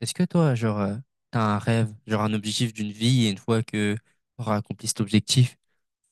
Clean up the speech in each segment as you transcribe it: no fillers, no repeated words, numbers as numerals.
Est-ce que toi, t'as un rêve, genre un objectif d'une vie, et une fois que t'auras accompli cet objectif,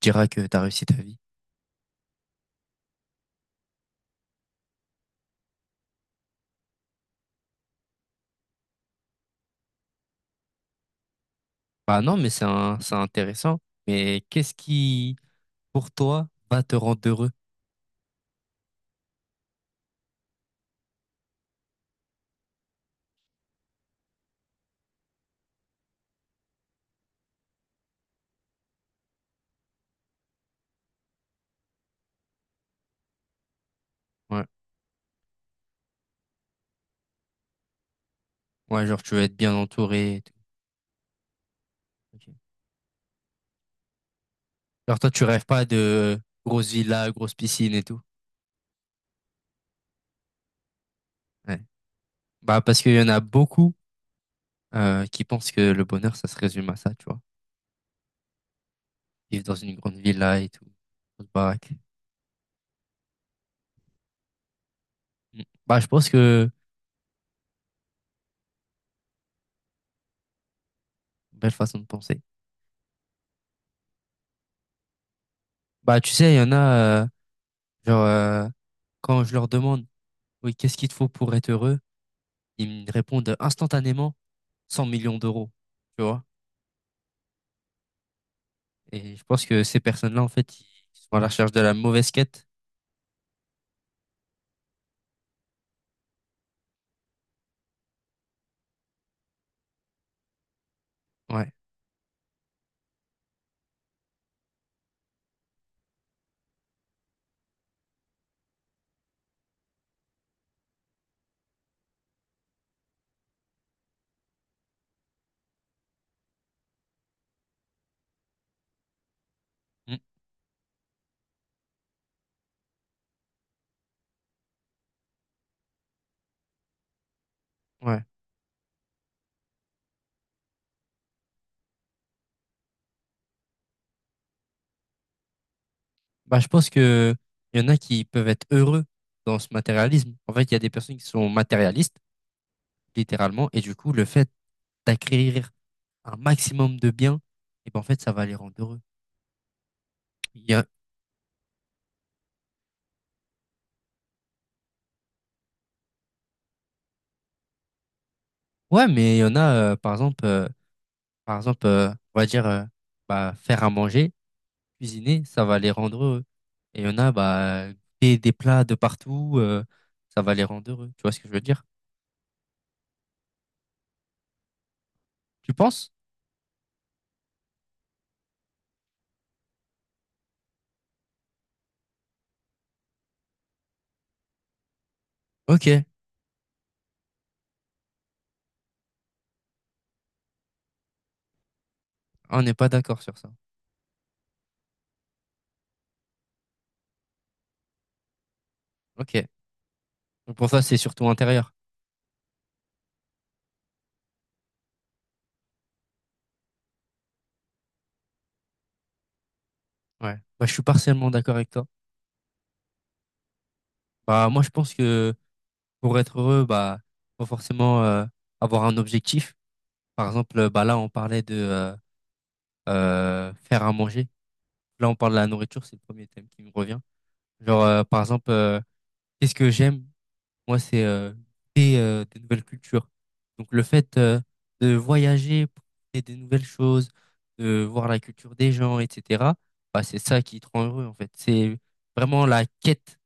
tu diras que t'as réussi ta vie? Bah non, mais c'est intéressant. Mais pour toi, va te rendre heureux? Ouais, ouais, genre, tu veux être bien entouré et tout. Ok. Genre, toi, tu rêves pas de grosse villa, grosse piscine et tout. Ouais. Bah, parce qu'il y en a beaucoup qui pensent que le bonheur, ça se résume à ça, tu vois. Vivre dans une grande villa et tout, grosse baraque. Mm. Belle façon de penser. Bah, tu sais, il y en a, genre, euh, quand je leur demande, oui, qu'est-ce qu'il te faut pour être heureux? Ils me répondent instantanément 100 millions d'euros, tu vois? Et je pense que ces personnes-là, en fait, ils sont à la recherche de la mauvaise quête. Ouais. Mm. Ouais. Bah, je pense que il y en a qui peuvent être heureux dans ce matérialisme. En fait, il y a des personnes qui sont matérialistes, littéralement, et du coup, le fait d'acquérir un maximum de biens, et ben, en fait, ça va les rendre heureux. Il y a... Ouais, mais il y en a, par exemple, Par exemple, on va dire bah, faire à manger, cuisiner, ça va les rendre heureux. Et il y en a bah, des plats de partout, ça va les rendre heureux. Tu vois ce que je veux dire? Tu penses? Ok. Ah, on n'est pas d'accord sur ça. Ok. Donc pour toi, c'est surtout intérieur. Ouais. Bah, je suis partiellement d'accord avec toi. Bah, moi, je pense que pour être heureux, bah, faut forcément avoir un objectif. Par exemple, bah, là, on parlait de faire à manger. Là, on parle de la nourriture, c'est le premier thème qui me revient. Genre, euh, par exemple, euh, Qu'est-ce que j'aime? Moi, c'est des nouvelles cultures. Donc, le fait de voyager, pour créer des nouvelles choses, de voir la culture des gens, etc. Bah, c'est ça qui te rend heureux, en fait. C'est vraiment la quête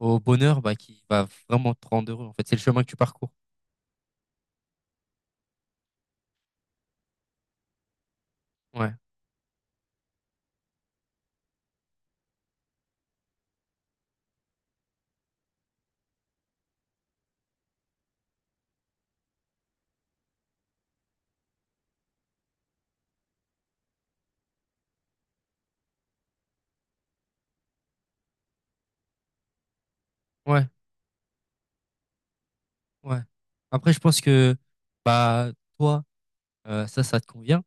au bonheur bah, qui va vraiment te rendre heureux, en fait. C'est le chemin que tu parcours. Ouais, ouais, ouais. Après, je pense que bah, toi, ça, ça te convient.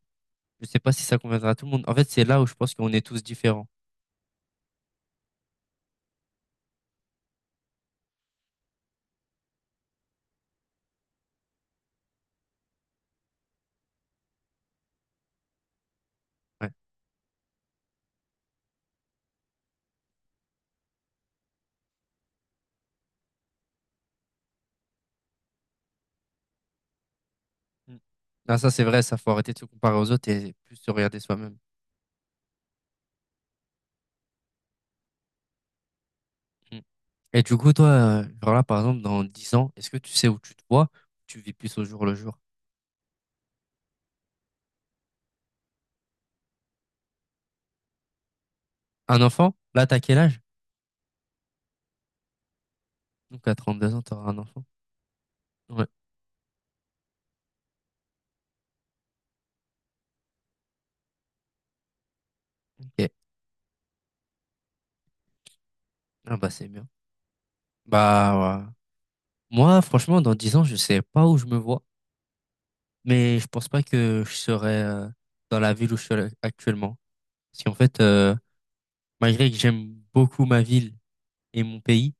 Je sais pas si ça conviendra à tout le monde. En fait, c'est là où je pense qu'on est tous différents. Ouais. Mm. Ah, ça, c'est vrai, ça faut arrêter de se comparer aux autres et plus se regarder soi-même. Mm. Et du coup, toi, là, par exemple, dans 10 ans, est-ce que tu sais où tu te vois? Tu vis plus au jour le jour. Un enfant? Là, t'as quel âge? Donc, à 32 ans, t'auras un enfant. Ouais. Ok. Ah, bah, c'est bien. Bah, ouais. Moi, franchement, dans 10 ans, je sais pas où je me vois, mais je pense pas que je serai dans la ville où je suis actuellement. Parce qu'en fait, malgré que j'aime beaucoup ma ville et mon pays.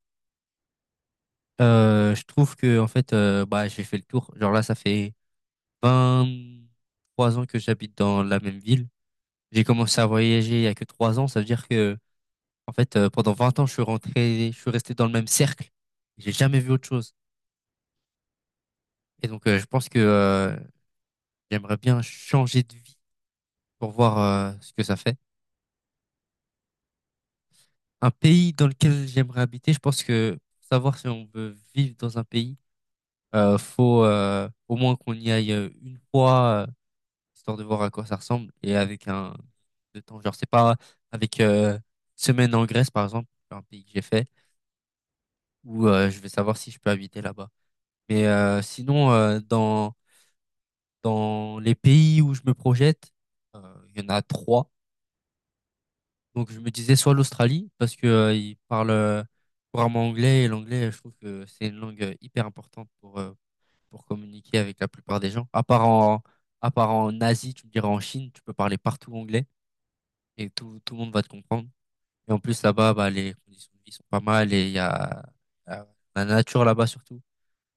Je trouve que en fait, bah j'ai fait le tour. Genre là ça fait vingt trois ans que j'habite dans la même ville. J'ai commencé à voyager il y a que 3 ans, ça veut dire que en fait, pendant 20 ans je suis rentré, je suis resté dans le même cercle. J'ai jamais vu autre chose. Et donc je pense que j'aimerais bien changer de vie pour voir ce que ça fait. Un pays dans lequel j'aimerais habiter, je pense que pour savoir si on veut vivre dans un pays, faut au moins qu'on y aille une fois histoire de voir à quoi ça ressemble et avec un de temps genre c'est pas avec semaine en Grèce par exemple un pays que j'ai fait où je vais savoir si je peux habiter là-bas mais sinon, dans les pays où je me projette euh, il y en a trois donc je me disais soit l'Australie parce que ils parlent couramment anglais et l'anglais je trouve que c'est une langue hyper importante pour communiquer avec la plupart des gens à part en Asie tu me diras en Chine tu peux parler partout anglais et tout le monde va te comprendre. Et en plus, là-bas, bah, les conditions de vie sont pas mal et il y a la, la nature là-bas surtout,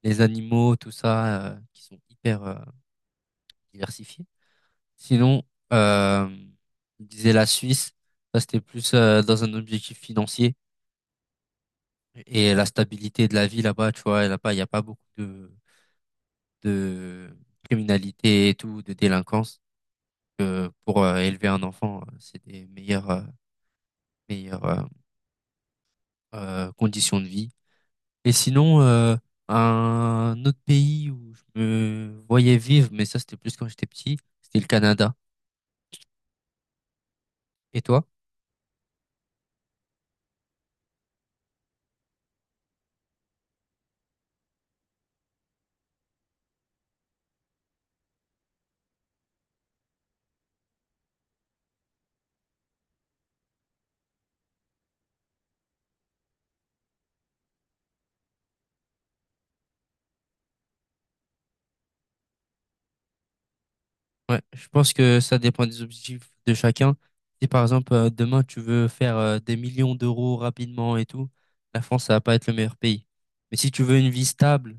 les animaux, tout ça, qui sont hyper diversifiés. Sinon, euh, je disais la Suisse, ça c'était plus dans un objectif financier et la stabilité de la vie là-bas, tu vois, là-bas, il n'y a pas beaucoup de criminalité et tout, de délinquance. Que pour élever un enfant, c'est des meilleures, meilleures euh, conditions de vie. Et sinon, un autre pays où je me voyais vivre, mais ça c'était plus quand j'étais petit, c'était le Canada. Et toi? Ouais, je pense que ça dépend des objectifs de chacun. Si par exemple demain tu veux faire des millions d'euros rapidement et tout, la France ça va pas être le meilleur pays. Mais si tu veux une vie stable,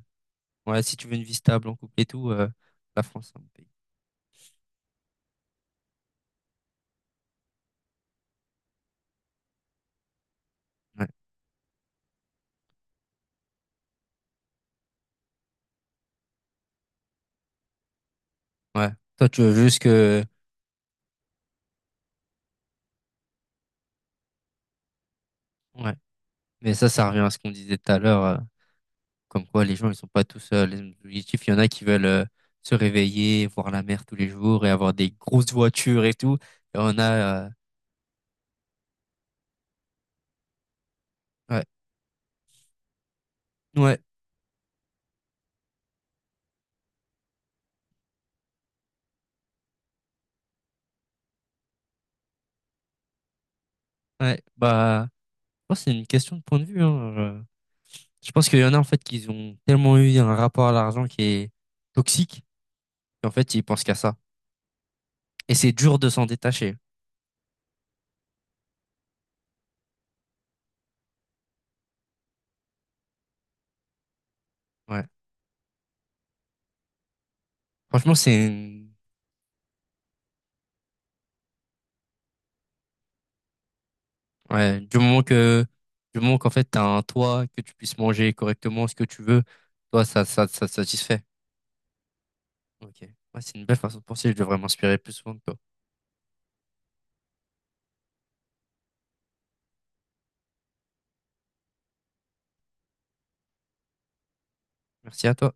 ouais, si tu veux une vie stable en couple et tout, la France c'est un bon pays. Ouais, ouais. Toi tu veux juste que, ouais. Mais ça revient à ce qu'on disait tout à l'heure. Comme quoi, les gens, ils sont pas tous les mêmes objectifs. Il y en a qui veulent se réveiller, voir la mer tous les jours et avoir des grosses voitures et tout. Et on a, ouais, ouais, ouais. Bah, je pense que c'est une question de point de vue, hein. Je pense qu'il y en a en fait qui ont tellement eu un rapport à l'argent qui est toxique qu'en fait ils pensent qu'à ça. Et c'est dur de s'en détacher. Ouais. Franchement, c'est une- ouais, du moment qu'en fait t'as un toit, que tu puisses manger correctement ce que tu veux, toi ça te satisfait. Ok. Ouais, c'est une belle façon de penser. Je devrais m'inspirer plus souvent de toi. Merci à toi.